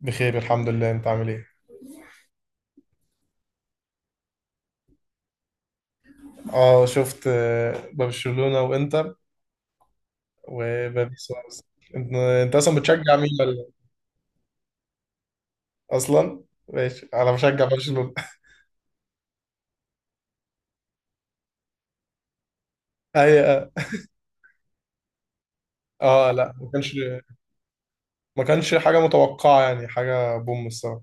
بخير الحمد لله. انت عامل ايه؟ اه شفت، برشلونة وانتر وباريس سواريز. انت انت اصلا بتشجع مين ولا اصلا ماشي؟ انا بشجع برشلونة. اي. اه لا، ما كانش حاجة متوقعة، يعني حاجة بوم الصراحة.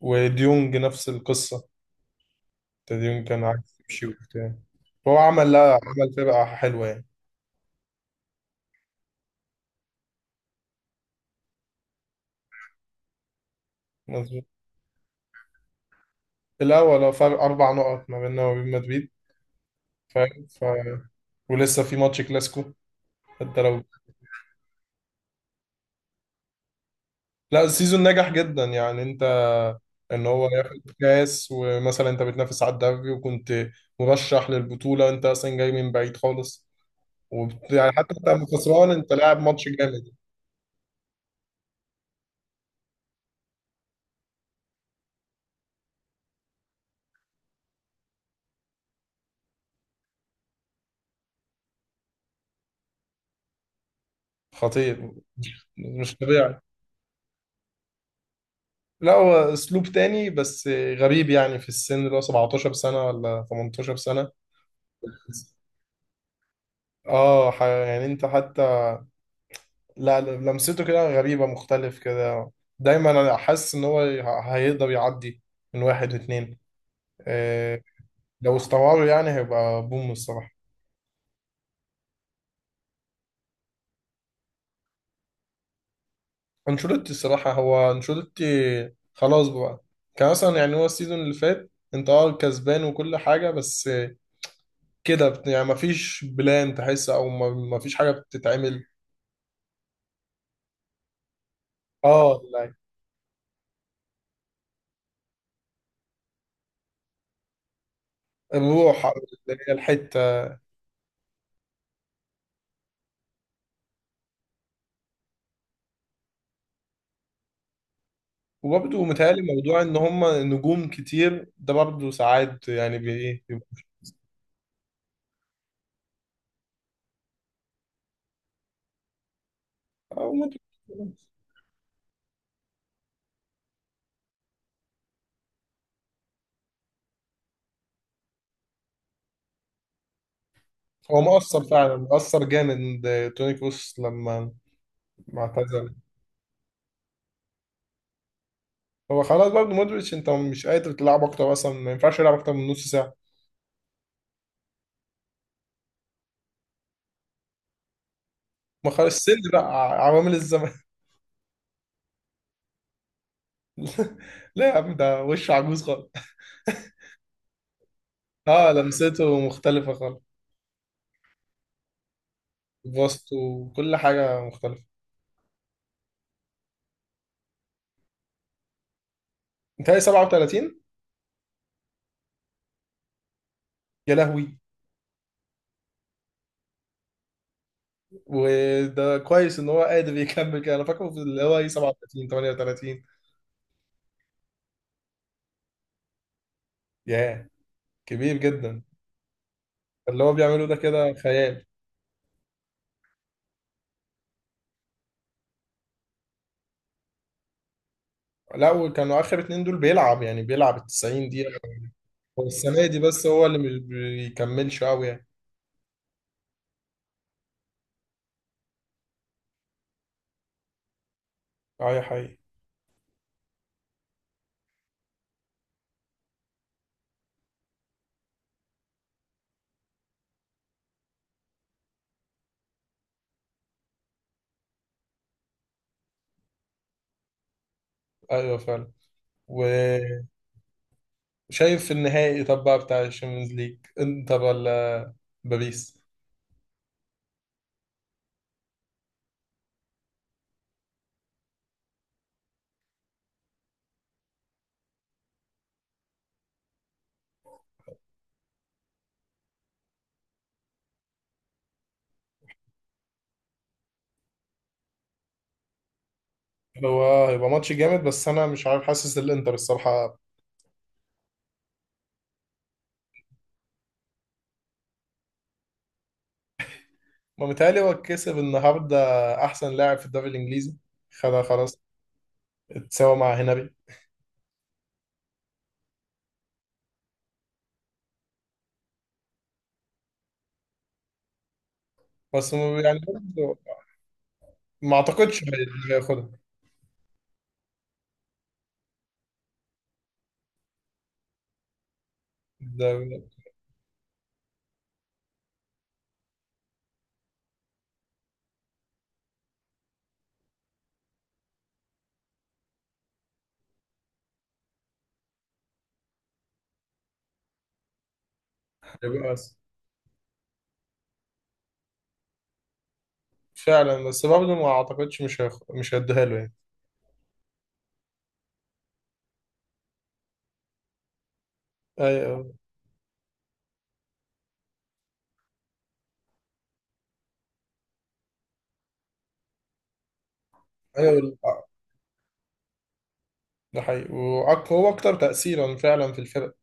وديونج نفس القصة. ديونج كان عايز يمشي وبتاع. هو عمل لا عمل فرقة حلوة يعني. مظبوط. الأول، هو فرق أربع نقط ما بيننا وبين مدريد. فاهم ولسه في ماتش كلاسيكو. انت لو لا، السيزون نجح جدا يعني. انت ان هو ياخد كاس، ومثلا انت بتنافس على الدوري وكنت مرشح للبطولة، وانت اصلا جاي من بعيد خالص. يعني حتى انت لما خسران انت لاعب ماتش جامد. خطير. مش طبيعي. لا، هو اسلوب تاني بس. غريب يعني في السن اللي هو 17 سنة ولا 18 سنة. اه، يعني انت حتى. لا، لمسته كده غريبة، مختلف كده. دايما انا حاسس ان هو هيقدر يعدي من واحد واتنين. لو استمروا يعني هيبقى بوم الصراحة. انشيلوتي الصراحة، هو انشيلوتي، خلاص بقى. كان مثلا يعني هو السيزون اللي فات انت اه كسبان وكل حاجة، بس كده يعني مفيش بلان تحس، او مفيش حاجة بتتعمل. اه لا، الروح، أو اللي هي الحتة. وبرضه متهيألي موضوع ان هما نجوم كتير ده برضه ساعات يعني ايه بيبقى. أو ما تبقاش. هو مؤثر فعلا، مؤثر جامد. توني كروس لما اعتزل. هو خلاص برضه مودريتش انت مش قادر تلعب اكتر، اصلا ما ينفعش يلعب اكتر من نص ساعه. ما خلاص، السن بقى، عوامل الزمن. لا يا عم، ده وش عجوز خالص. اه، لمسته مختلفه خالص. بسطه وكل حاجه مختلفه. انت 37. يا لهوي. وده كويس ان هو قادر يكمل كده. انا فاكره في اللي هو ايه 37 38. ياه، كبير جدا. اللي هو بيعمله ده كده خيال. لا، وكانوا اخر اتنين دول بيلعب يعني، بيلعب ال 90 دقيقه. هو السنه دي بس هو اللي مش بيكملش قوي يعني. اه يا حقيقي. ايوه فعلا. وشايف النهائي طب بقى بتاع الشامبيونز ليج، انتر ولا باريس؟ هو هيبقى ماتش جامد، بس انا مش عارف، حاسس الانتر الصراحه. ما متهيألي هو كسب النهارده احسن لاعب في الدوري الانجليزي، خدها خلاص، اتساوى مع هنري. بس م- يعني برضه ما اعتقدش هياخدها. ده هيبقى أس- فعلا. بس برضه ما اعتقدش، مش هيديها له يعني. ايوه. ايوه، ده حقيقي، وهو اكتر تأثيرا فعلا في الفرق.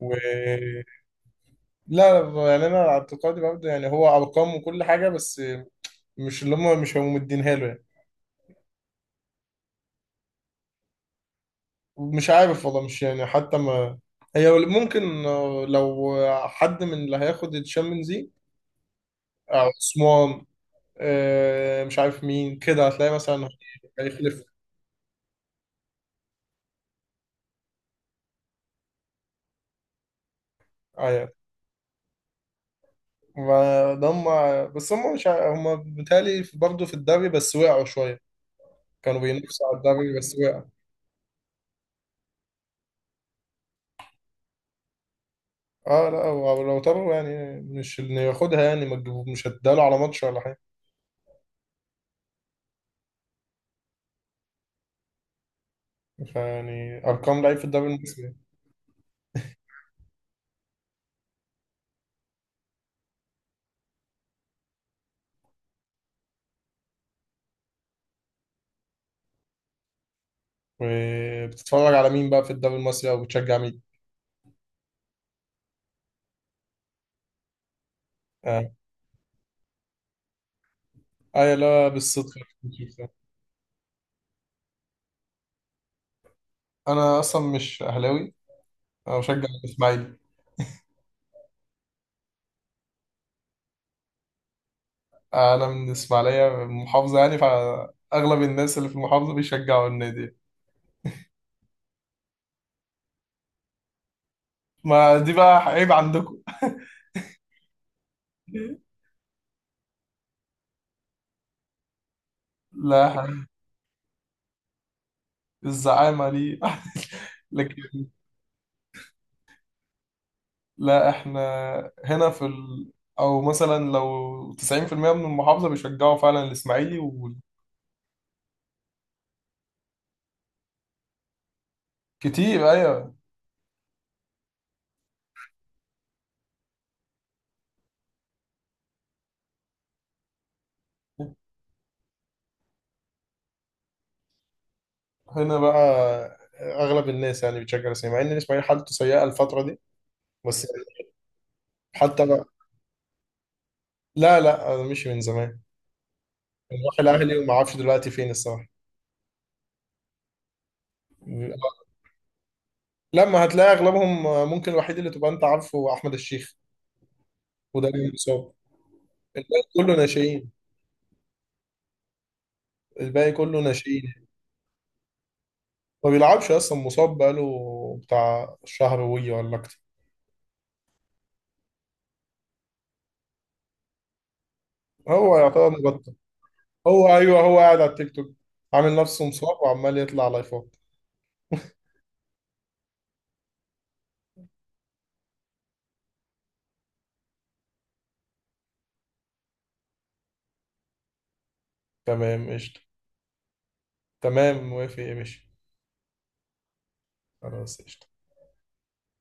و لا، يعني انا على اعتقادي برضه، يعني هو ارقام وكل حاجه، بس مش هم مدينها له يعني. مش عارف والله، مش يعني حتى ما. هي ممكن، لو حد من اللي هياخد الشامبيونز ليج، عثمان، مش عارف مين كده هتلاقي مثلا. هيخلف. ايوه، ما ده هم. بس هم مش ع- هم بالتالي برضه في الدوري، بس وقعوا شويه. كانوا بينافسوا على الدوري بس وقعوا. اه لا، هو لو ترى يعني، مش انه ياخدها يعني ما تجيبه- مش هتداله على ماتش ولا حاجه. فيعني ارقام لعيب في الدوري المصري. وبتتفرج على مين بقى في الدوري المصري، او بتشجع مين؟ اه. ايوه لا، بالصدفه. انا اصلا مش اهلاوي، انا بشجع الاسماعيلي. انا من الاسماعيليه، من المحافظه يعني، فاغلب الناس اللي في المحافظه بيشجعوا النادي. ما دي بقى عيب عندكم. لا، الزعامه ليه. لكن لا، احنا هنا او مثلا لو 90% من المحافظة بيشجعوا فعلا الاسماعيلي. وكتير ايوه. هنا بقى اغلب الناس يعني بتشجع الاسماعيلي، مع ان الاسماعيلي حالته سيئة الفترة دي بس يعني. حتى بقى، لا انا مشي من زمان. راح الاهلي وما اعرفش دلوقتي فين الصراحة. لما هتلاقي اغلبهم، ممكن الوحيد اللي تبقى انت عارفه هو احمد الشيخ، وده اللي مصاب. الباقي كله ناشئين الباقي كله ناشئين. ما بيلعبش اصلا، مصاب بقاله بتاع شهر وي ولا اكتر. هو يعتبر مبطل. هو ايوه، هو قاعد على التيك توك، عامل نفسه مصاب وعمال يطلع لايفات. تمام قشطة. تمام موافق، يا ماشي. خلاص قشطة.